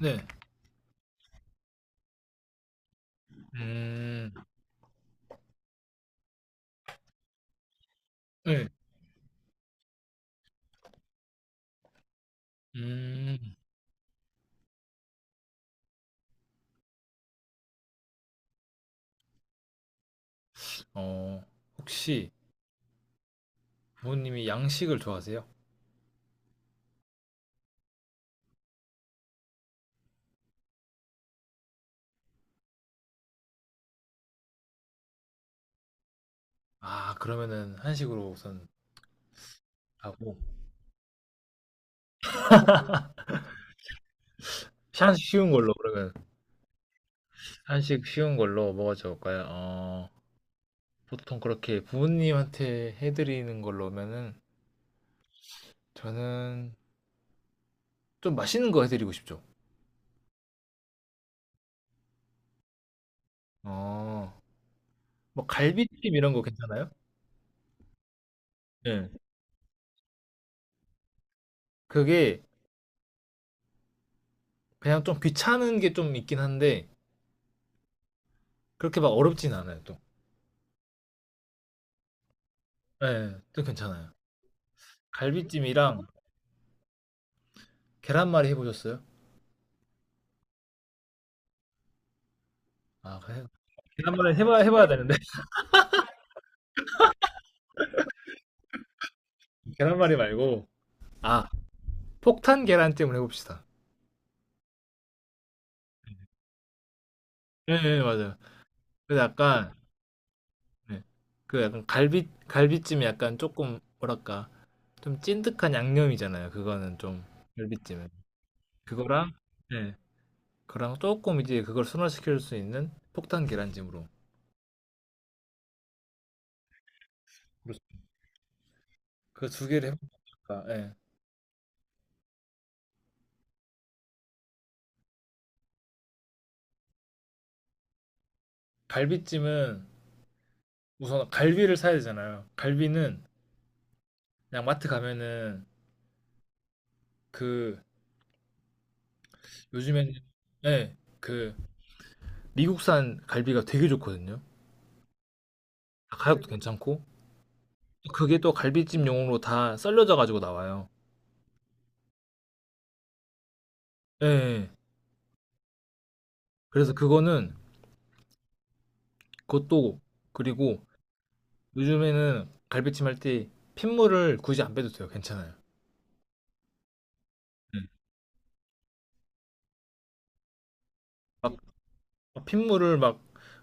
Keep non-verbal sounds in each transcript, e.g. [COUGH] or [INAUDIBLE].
네. 음, 네. 음, 어, 혹시 부모님이 양식을 좋아하세요? 아, 그러면은 한식으로 우선 하고. 한식 쉬운 걸로, 그러면. 한식 쉬운 걸로 뭐가 좋을까요? 보통 그렇게 부모님한테 해드리는 걸로면은 저는 좀 맛있는 거 해드리고 싶죠. 어, 뭐 갈비찜 이런 거 괜찮아요? 네. 그게 그냥 좀 귀찮은 게 좀 있긴 한데 그렇게 막 어렵진 않아요, 또. 네, 또 괜찮아요. 갈비찜이랑 계란말이 해보셨어요? 아, 그래. 계란말이 해봐야 되는데. [LAUGHS] 계란말이 말고 아 폭탄 계란찜을 해봅시다. 예, 예, 맞아요. 그래서 약간, 예. 그 약간 갈비찜이 약간 조금, 뭐랄까, 좀 찐득한 양념이잖아요. 그거는 좀, 갈비찜은. 그거랑, 예, 그랑 조금 이제 그걸 순화시킬 수 있는 폭탄 계란찜으로. 그 두 개를 해볼까? 예. 갈비찜은 우선 갈비를 사야 되잖아요. 갈비는 그냥 마트 가면은 그 요즘에는 예, 그 미국산 갈비가 되게 좋거든요. 가격도 괜찮고 그게 또 갈비찜용으로 다 썰려져 가지고 나와요. 예. 예. 그래서 그거는 그것도 그리고 요즘에는 갈비찜 할 때 핏물을 굳이 안 빼도 돼요. 괜찮아요. 예. 막 핏물을 막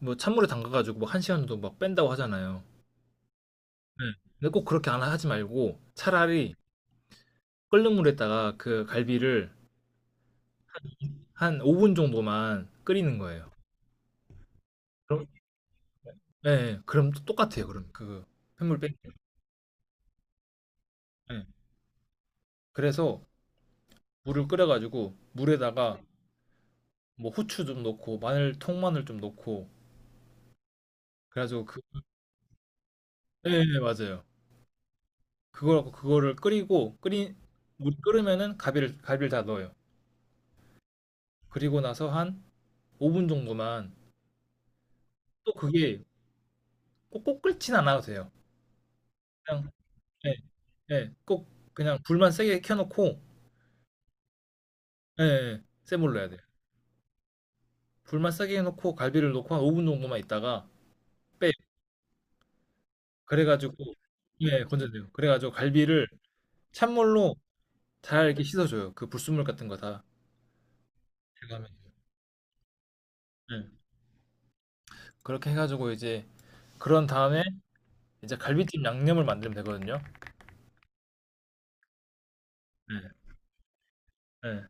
뭐 찬물에 담가 가지고 막 한 시간 정도 막 뺀다고 하잖아요. 예. 근데 꼭 그렇게 안 하지 말고 차라리 끓는 물에다가 그 갈비를 한 5분 정도만 끓이는 거예요. 예. 예. 그럼 또 똑같아요 그럼 그 핏물 빼기. 예. 그래서 물을 끓여 가지고 물에다가 뭐 후추 좀 넣고 마늘 통마늘 좀 넣고 그래 가지고 그 예예 맞아요. 그거를 끓이고 끓인 물이 끓으면은 가비를 갈비를 다 넣어요. 그리고 나서 한 5분 정도만 또 그게 꼭꼭 끓진 않아도 돼요. 그냥 예 예. 꼭 그냥 불만 세게 켜 놓고 예예. 센 불로 해야 돼요. 불만 세게 해 놓고 갈비를 넣고 한 5분 정도만 있다가 빼요. 그래 가지고 예 건져내요. 그래 가지고 갈비를 찬물로 잘 이렇게 씻어줘요. 그 불순물 같은 거 다 제거하면. 예. 그렇게 해 가지고 이제 그런 다음에 이제 갈비찜 양념을 만들면 되거든요. 예. 예.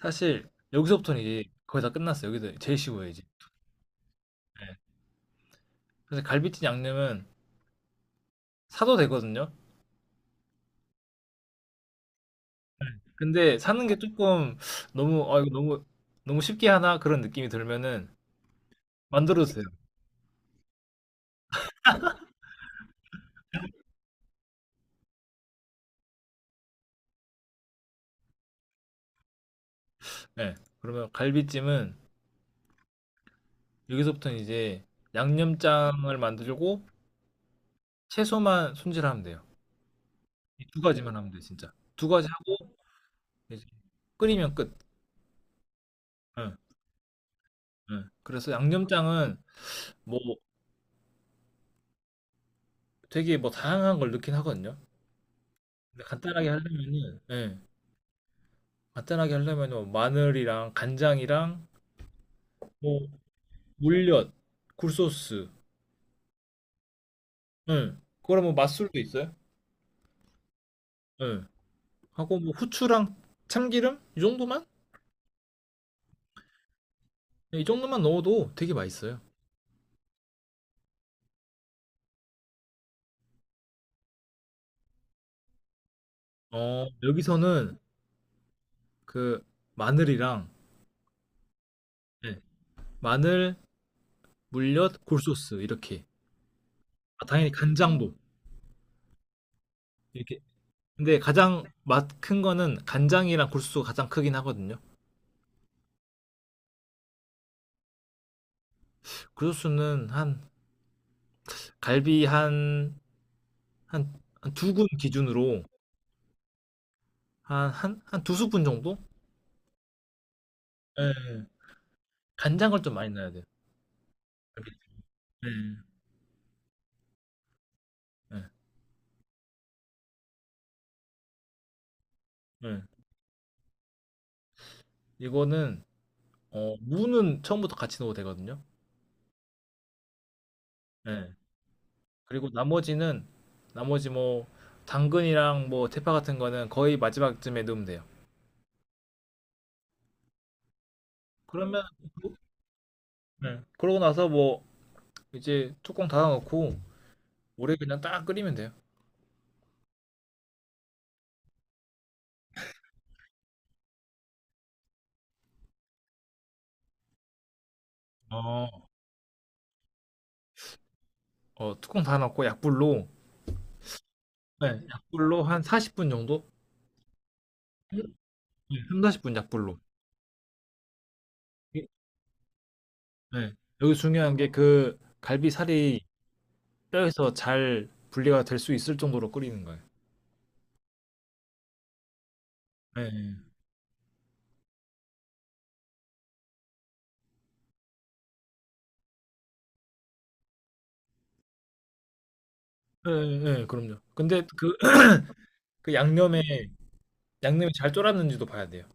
사실 여기서부터는 이제 거의 다 끝났어요. 여기서 제일 쉬워요 이제. 예. 그래서 갈비찜 양념은 사도 되거든요. 근데 사는 게 조금 너무 '아 이거 너무 너무 쉽게 하나?' 그런 느낌이 들면은 만들어도 돼요. 예. 그러면 갈비찜은 여기서부터는 이제 양념장을 만들고 채소만 손질하면 돼요. 이두 가지만 하면 돼, 진짜. 두 가지 하고 이제 끓이면 끝. 응, 응. 그래서 양념장은 뭐 되게 뭐 다양한 걸 넣긴 하거든요. 근데 간단하게 하려면은, 예, 간단하게 하려면은 뭐 마늘이랑 간장이랑 뭐 물엿, 굴소스, 응. 그거랑 뭐 맛술도 있어요. 응. 하고 뭐 후추랑 참기름 이 정도만? 예, 이 정도만 넣어도 되게 맛있어요. 여기서는 그 마늘이랑 네, 마늘, 물엿, 굴소스 이렇게. 아, 당연히 간장도 이렇게. 근데 가장 맛 큰 거는 간장이랑 굴소스가 가장 크긴 하거든요. 굴소스는 한 갈비 한 한 두 군 기준으로 한 두 스푼 정도? 예. 예. 간장을 좀 많이 넣어야 돼요. 예. 예. 예. 이거는 무는 처음부터 같이 넣어도 되거든요. 예. 그리고 나머지 뭐 당근이랑 뭐 대파 같은 거는 거의 마지막쯤에 넣으면 돼요. 그러면 그- 네. 그러고 나서 뭐 이제 뚜껑 닫아놓고 오래 그냥 딱 끓이면 돼요. 어, 뚜껑 닫아놓고 약불로 네, 약불로 한 40분 정도? 네, 3, 40분 약불로. 네. 여기 중요한 게 그 갈비살이 뼈에서 잘 분리가 될 수 있을 정도로 끓이는 거예요. 네, 네, 네, 네, 그럼요. 근데 그 양념에 양념이 잘 졸았는지도 봐야 돼요.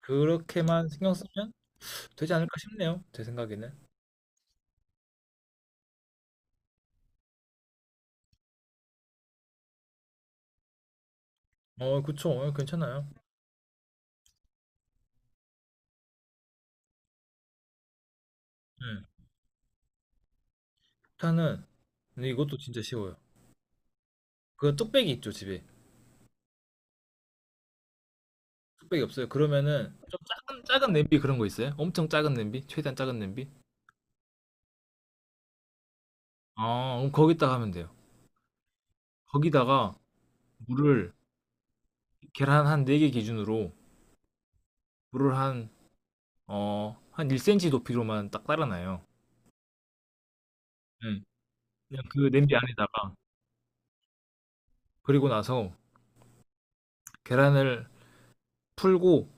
그렇게만 신경 쓰면 되지 않을까 싶네요. 제 생각에는. 그쵸. 괜찮아요. 네. 일단은 근데 이것도 진짜 쉬워요. 그 뚝배기 있죠, 집에. 뚝배기 없어요. 그러면은 좀 작은 작은 냄비 그런 거 있어요? 엄청 작은 냄비? 최대한 작은 냄비? 아, 그럼 거기다가 하면 돼요. 거기다가 물을 계란 한 4개 기준으로 물을 한 1cm 높이로만 딱 따라놔요. 네. 그냥 그 냄비 안에다가 그리고 나서 계란을 풀고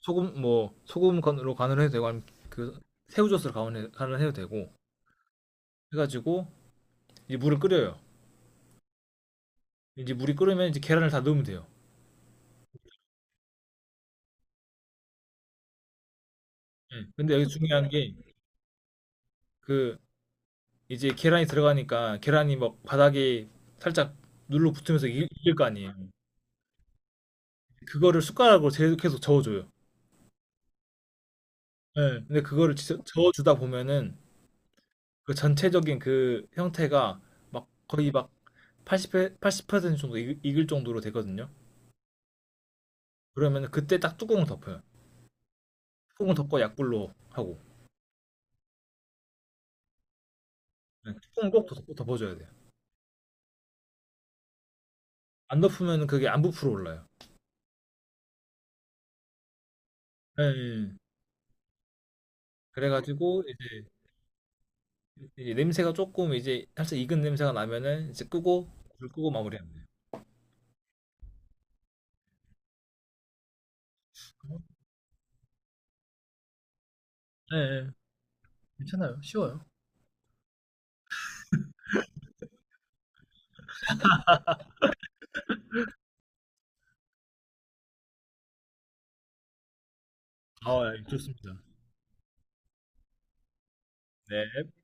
소금 뭐 소금 간으로 간을 해도 되고 아니면 그 새우젓으로 간을 해도 되고 해가지고 이제 물을 끓여요. 이제 물이 끓으면 이제 계란을 다 넣으면 돼요. 예. 근데 여기 중요한 게 그 이제 계란이 들어가니까 계란이 막 바닥에 살짝 눌러 붙으면서 익을 거 아니에요. 그거를 숟가락으로 계속 계속 저어줘요. 예. 근데 그거를 저어주다 보면은 그 전체적인 그 형태가 막 거의 막 80, 80% 정도 익을 정도로 되거든요. 그러면 그때 딱 뚜껑을 덮어요. 통을 덮고 약불로 하고 네, 껑을 꼭 덮- 고 덮어줘야 돼요. 안 덮으면 그게 안 부풀어 올라요. 예, 예. 그래가지고 이제 냄새가 조금 이제 살짝 익은 냄새가 나면은 이제 끄고 불 끄고 마무리하면 돼요. 네, 괜찮아요. 쉬워요. 아, 예, 좋습니다. 네.